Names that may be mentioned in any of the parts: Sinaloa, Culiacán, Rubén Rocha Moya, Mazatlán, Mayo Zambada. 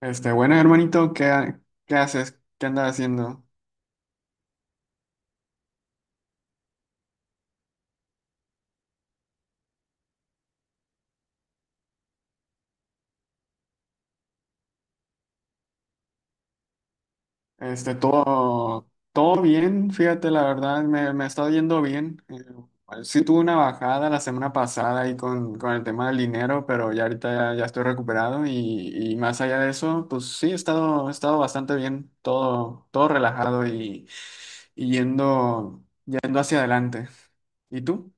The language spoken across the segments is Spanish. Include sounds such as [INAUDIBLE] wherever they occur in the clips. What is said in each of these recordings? Bueno, hermanito, qué haces? ¿Qué andas haciendo? Todo bien, fíjate, la verdad, me está yendo bien. Sí tuve una bajada la semana pasada ahí con el tema del dinero, pero ya ahorita ya estoy recuperado y más allá de eso, pues sí, he estado bastante bien, todo relajado y yendo hacia adelante. ¿Y tú?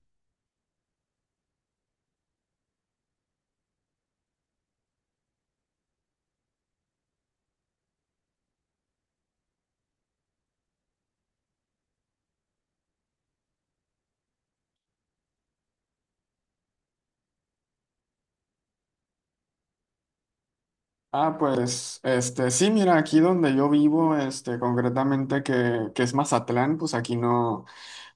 Ah, pues, sí, mira, aquí donde yo vivo, concretamente que es Mazatlán, pues aquí no,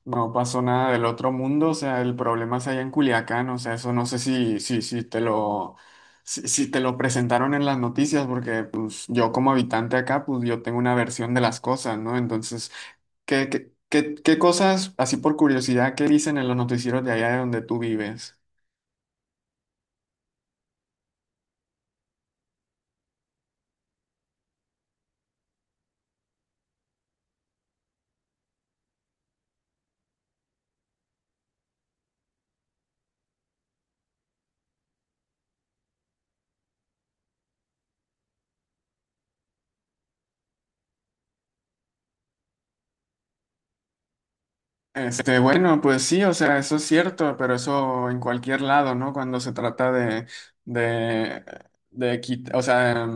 no pasó nada del otro mundo, o sea, el problema es allá en Culiacán, o sea, eso no sé si, si, si te lo, si, si te lo presentaron en las noticias, porque pues yo como habitante acá, pues yo tengo una versión de las cosas, ¿no? Entonces, ¿qué cosas, así por curiosidad, qué dicen en los noticieros de allá de donde tú vives? Bueno, pues sí, o sea, eso es cierto, pero eso en cualquier lado, ¿no? Cuando se trata de, de quitar, o sea,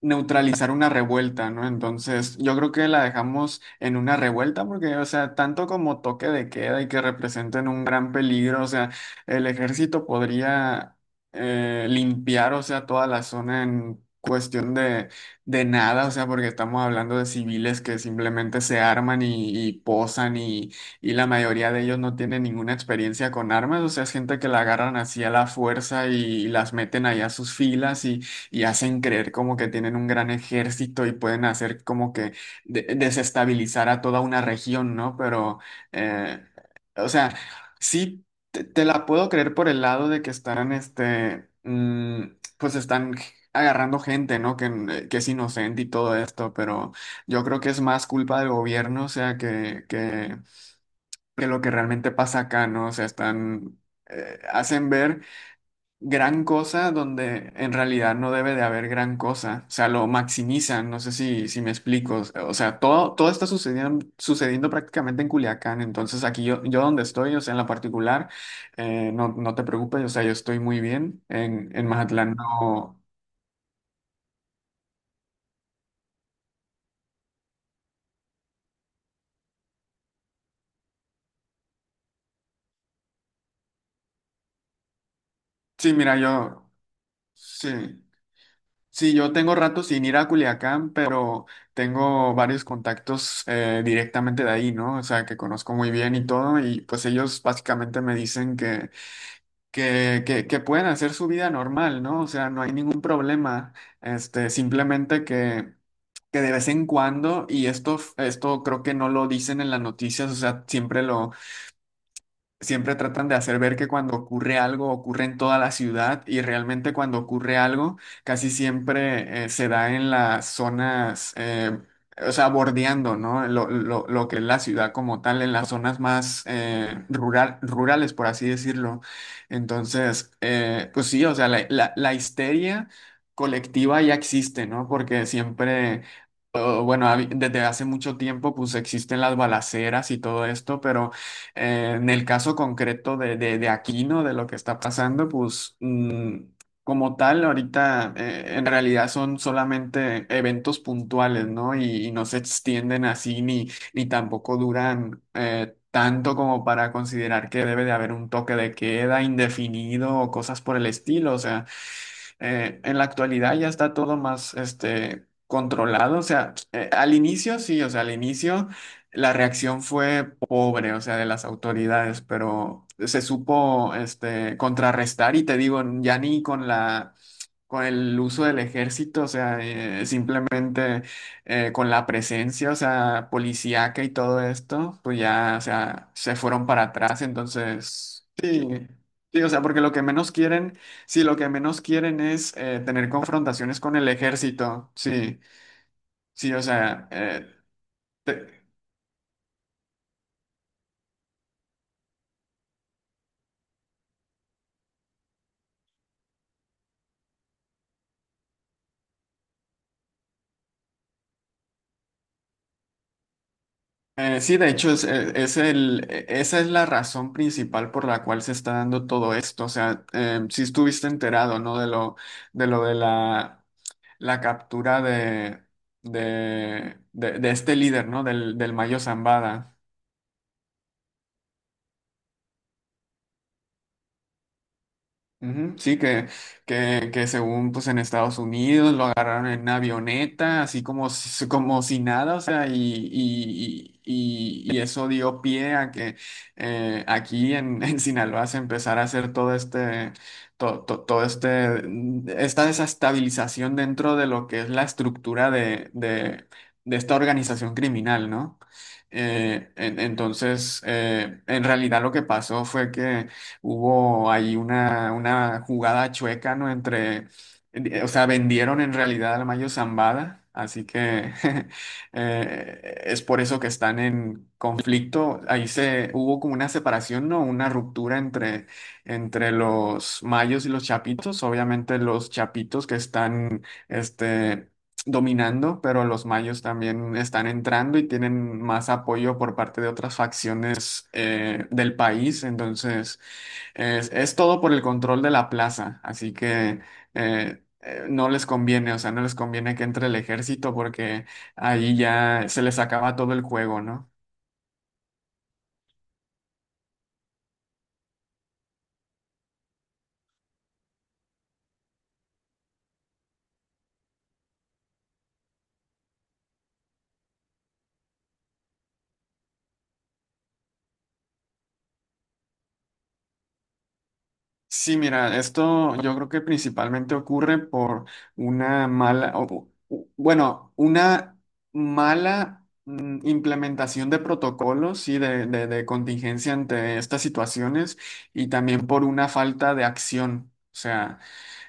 neutralizar una revuelta, ¿no? Entonces, yo creo que la dejamos en una revuelta porque, o sea, tanto como toque de queda y que representen un gran peligro, o sea, el ejército podría limpiar, o sea, toda la zona en cuestión de nada, o sea, porque estamos hablando de civiles que simplemente se arman y posan y la mayoría de ellos no tienen ninguna experiencia con armas, o sea, es gente que la agarran así a la fuerza y las meten allá a sus filas y hacen creer como que tienen un gran ejército y pueden hacer como que desestabilizar a toda una región, ¿no? Pero, eh, o sea, sí, te la puedo creer por el lado de que estarán, pues están agarrando gente, ¿no? Que es inocente y todo esto, pero yo creo que es más culpa del gobierno, o sea, que lo que realmente pasa acá, ¿no? O sea, están, hacen ver gran cosa donde en realidad no debe de haber gran cosa. O sea, lo maximizan, no sé si, si me explico. O sea, todo está sucediendo prácticamente en Culiacán. Entonces, aquí yo donde estoy, o sea, en la particular, no, no te preocupes, o sea, yo estoy muy bien. En Mazatlán no. Sí, mira, yo, sí. Sí, yo tengo rato sin ir a Culiacán, pero tengo varios contactos directamente de ahí, ¿no? O sea, que conozco muy bien y todo, y pues ellos básicamente me dicen que pueden hacer su vida normal, ¿no? O sea, no hay ningún problema. Simplemente que de vez en cuando, y esto creo que no lo dicen en las noticias, o sea, siempre tratan de hacer ver que cuando ocurre algo ocurre en toda la ciudad y realmente cuando ocurre algo casi siempre se da en las zonas, o sea, bordeando, ¿no? Lo que es la ciudad como tal, en las zonas más rurales, por así decirlo. Entonces, pues sí, o sea, la histeria colectiva ya existe, ¿no? Porque siempre, o bueno, desde hace mucho tiempo pues existen las balaceras y todo esto, pero en el caso concreto de Aquino, de lo que está pasando, pues como tal, ahorita en realidad son solamente eventos puntuales, ¿no? Y no se extienden así ni tampoco duran tanto como para considerar que debe de haber un toque de queda indefinido o cosas por el estilo. O sea, en la actualidad ya está todo más controlado. O sea, al inicio sí, o sea, al inicio la reacción fue pobre, o sea, de las autoridades, pero se supo contrarrestar y te digo, ya ni con el uso del ejército, o sea, simplemente con la presencia, o sea, policíaca y todo esto, pues ya, o sea, se fueron para atrás, entonces, sí, sí, o sea, porque lo que menos quieren Sí, lo que menos quieren es tener confrontaciones con el ejército. Sí, sí, o sea, te- sí, de hecho, esa es la razón principal por la cual se está dando todo esto. O sea, si estuviste enterado, ¿no? De lo de la captura de este líder, ¿no? Del Mayo Zambada. Ujú, Sí, que según pues en Estados Unidos lo agarraron en una avioneta, así como, como si nada, o sea, y eso dio pie a que aquí en, [LAUGHS] en Sinaloa se empezara a hacer todo este, to- to- todo este, mm, esta desestabilización dentro de lo que es la estructura de esta organización criminal, ¿no? Entonces, en realidad lo que pasó fue que hubo ahí una jugada chueca, ¿no? Entre, o sea, vendieron en realidad al Mayo Zambada, así que [LAUGHS] es por eso que están en conflicto. Ahí se, hubo como una separación, ¿no? Una ruptura entre, entre los mayos y los chapitos. Obviamente los chapitos que están, este... dominando, pero los mayos también están entrando y tienen más apoyo por parte de otras facciones del país. Entonces, es todo por el control de la plaza, así que no les conviene, o sea, no les conviene que entre el ejército porque ahí ya se les acaba todo el juego, ¿no? Sí, mira, esto yo creo que principalmente ocurre por una mala, o- u- bueno, una mala implementación de protocolos y de contingencia ante estas situaciones y también por una falta de acción. O sea,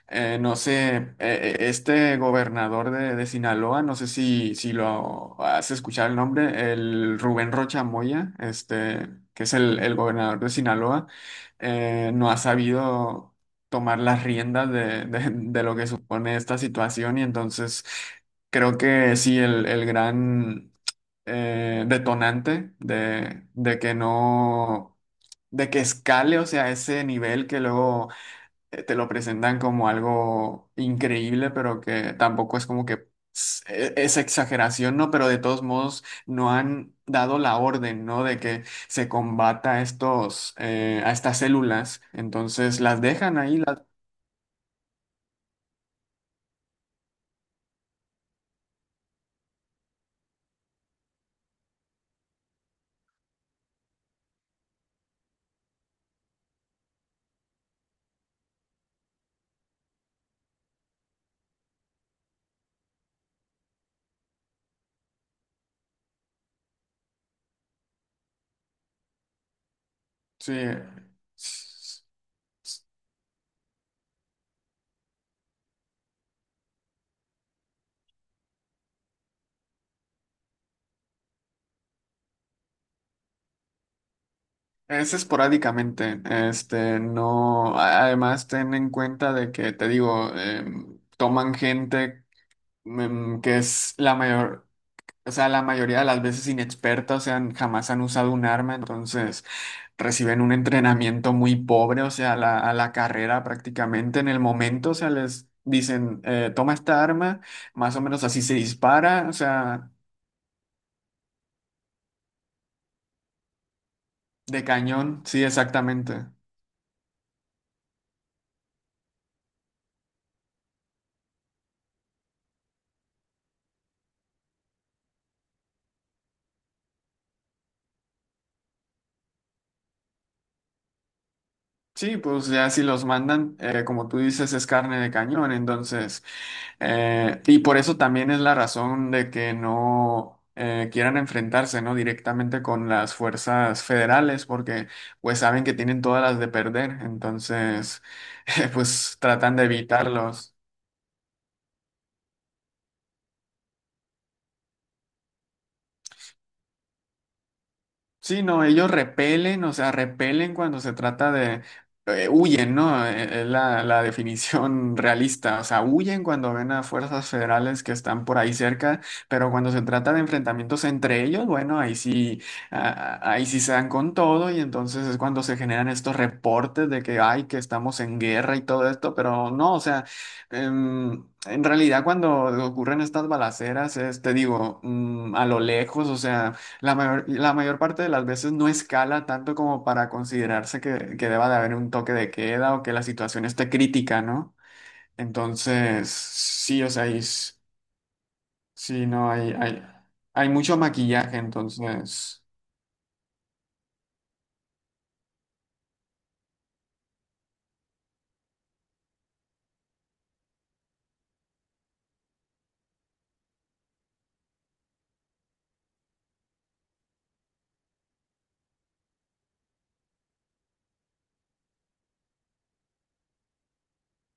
no sé, este gobernador de Sinaloa, no sé si, si lo has escuchado el nombre, el Rubén Rocha Moya, que es el gobernador de Sinaloa, no ha sabido tomar las riendas de lo que supone esta situación y entonces creo que sí, el gran detonante de que no... de que escale, o sea, ese nivel que luego te lo presentan como algo increíble, pero que tampoco es como que es exageración, ¿no? Pero de todos modos no han dado la orden, ¿no? De que se combata a estas células. Entonces las dejan ahí, las, sí, s- es esporádicamente. No, además ten en cuenta de que, te digo, toman gente que es la mayor. O sea, la mayoría de las veces inexperta, o sea, jamás han usado un arma, entonces reciben un entrenamiento muy pobre, o sea, a la carrera prácticamente en el momento, o sea, les dicen, toma esta arma, más o menos así se dispara, o sea, de cañón, sí, exactamente. Sí, pues ya si los mandan, como tú dices, es carne de cañón, entonces. Y por eso también es la razón de que no quieran enfrentarse, ¿no?, directamente con las fuerzas federales, porque pues saben que tienen todas las de perder, entonces [LAUGHS] pues tratan de evitarlos. Sí, no, ellos repelen, o sea, repelen cuando huyen, ¿no? Es la definición [LAUGHS] realista, o sea, huyen cuando ven a fuerzas federales que están por ahí cerca, pero cuando se trata de enfrentamientos entre ellos, bueno, ahí sí, ah, ahí sí se dan con todo y entonces es cuando se generan estos reportes de que, ay, que estamos en guerra y todo esto, pero no, o sea, en realidad cuando ocurren estas balaceras es, te digo, a lo lejos, o sea la mayor parte de las veces no escala tanto como para considerarse que deba de haber un toque de queda o que la situación esté crítica, ¿no? Entonces, sí, o sea, sí, no, hay mucho maquillaje, entonces.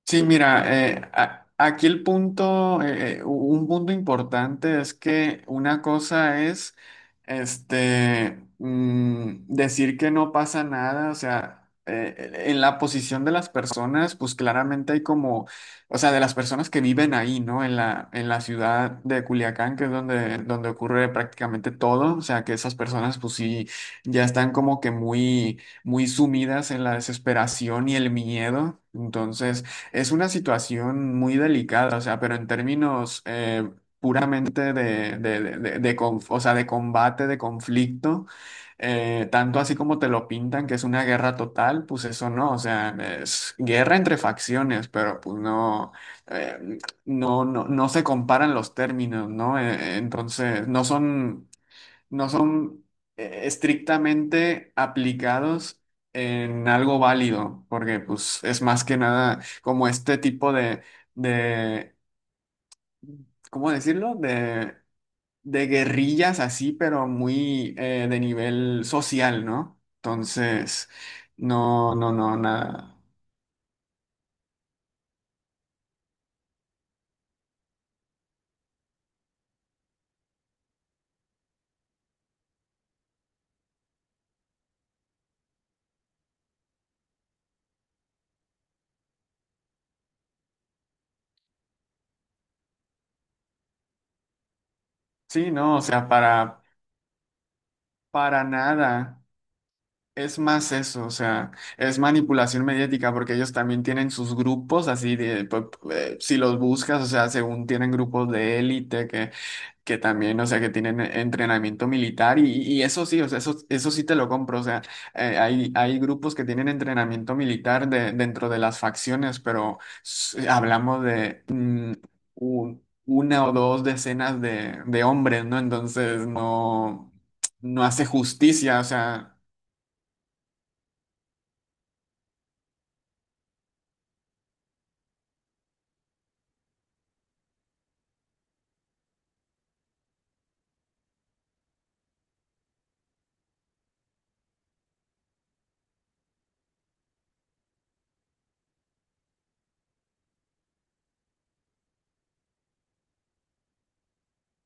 Sí, mira, aquí el punto, un punto importante es que una cosa es, decir que no pasa nada, o sea, en la posición de las personas, pues claramente hay como, o sea, de las personas que viven ahí, ¿no? En la ciudad de Culiacán, que es donde ocurre prácticamente todo, o sea, que esas personas, pues sí, ya están como que muy muy sumidas en la desesperación y el miedo. Entonces, es una situación muy delicada, o sea, pero en términos puramente o sea, de combate, de conflicto, tanto así como te lo pintan, que es una guerra total, pues eso no, o sea, es guerra entre facciones, pero pues no, eh, no, no, no se comparan los términos, ¿no? Entonces, no son estrictamente aplicados en algo válido, porque pues es más que nada como este tipo de ¿cómo decirlo? De guerrillas así, pero muy de nivel social, ¿no? Entonces, no, no, no, nada. Sí, no, o sea, para nada. Es más eso, o sea, es manipulación mediática porque ellos también tienen sus grupos así si los buscas, o sea, según tienen grupos de élite que también, o sea, que tienen entrenamiento militar y eso sí, o sea, eso sí te lo compro, o sea, hay grupos que tienen entrenamiento militar dentro de las facciones, hablamos de una o dos decenas de hombres, ¿no? Entonces, no, no hace justicia, o sea.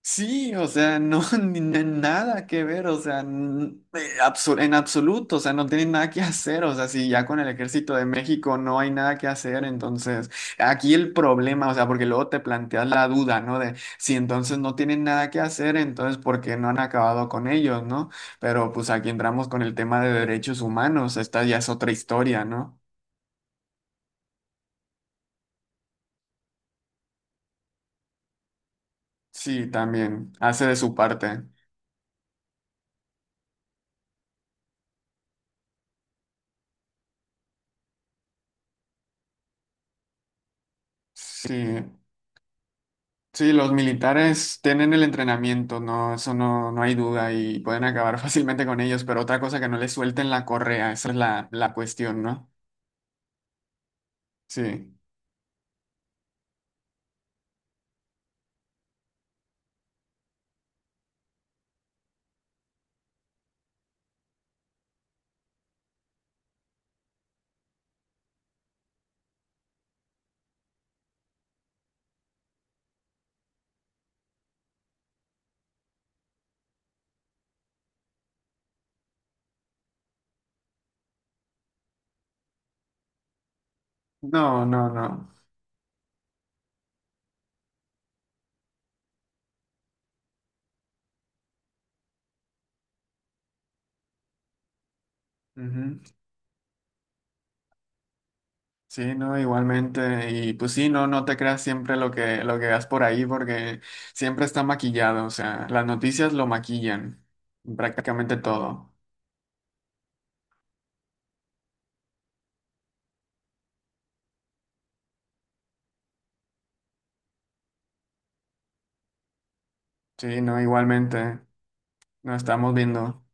Sí, o sea, no, [LAUGHS] nada que ver, o sea, en absoluto, o sea, no tienen nada que hacer, o sea, si ya con el ejército de México no hay nada que hacer, entonces aquí el problema, o sea, porque luego te planteas la duda, ¿no? De si entonces no tienen nada que hacer, entonces ¿por qué no han acabado con ellos?, ¿no? Pero pues aquí entramos con el tema de derechos humanos, esta ya es otra historia, ¿no? Sí, también, hace de su parte. Sí. Sí, los militares tienen el entrenamiento, no, eso no, no hay duda y pueden acabar [LAUGHS] fácilmente con ellos, pero otra cosa que no les suelten la correa, esa es la cuestión, ¿no? Sí. No, no, no. Ujú. Sí, no, igualmente. Y pues sí, no, no te creas siempre lo que veas por ahí, porque siempre está maquillado. O sea, las noticias lo maquillan, prácticamente todo. Sí, no, igualmente. Nos estamos viendo.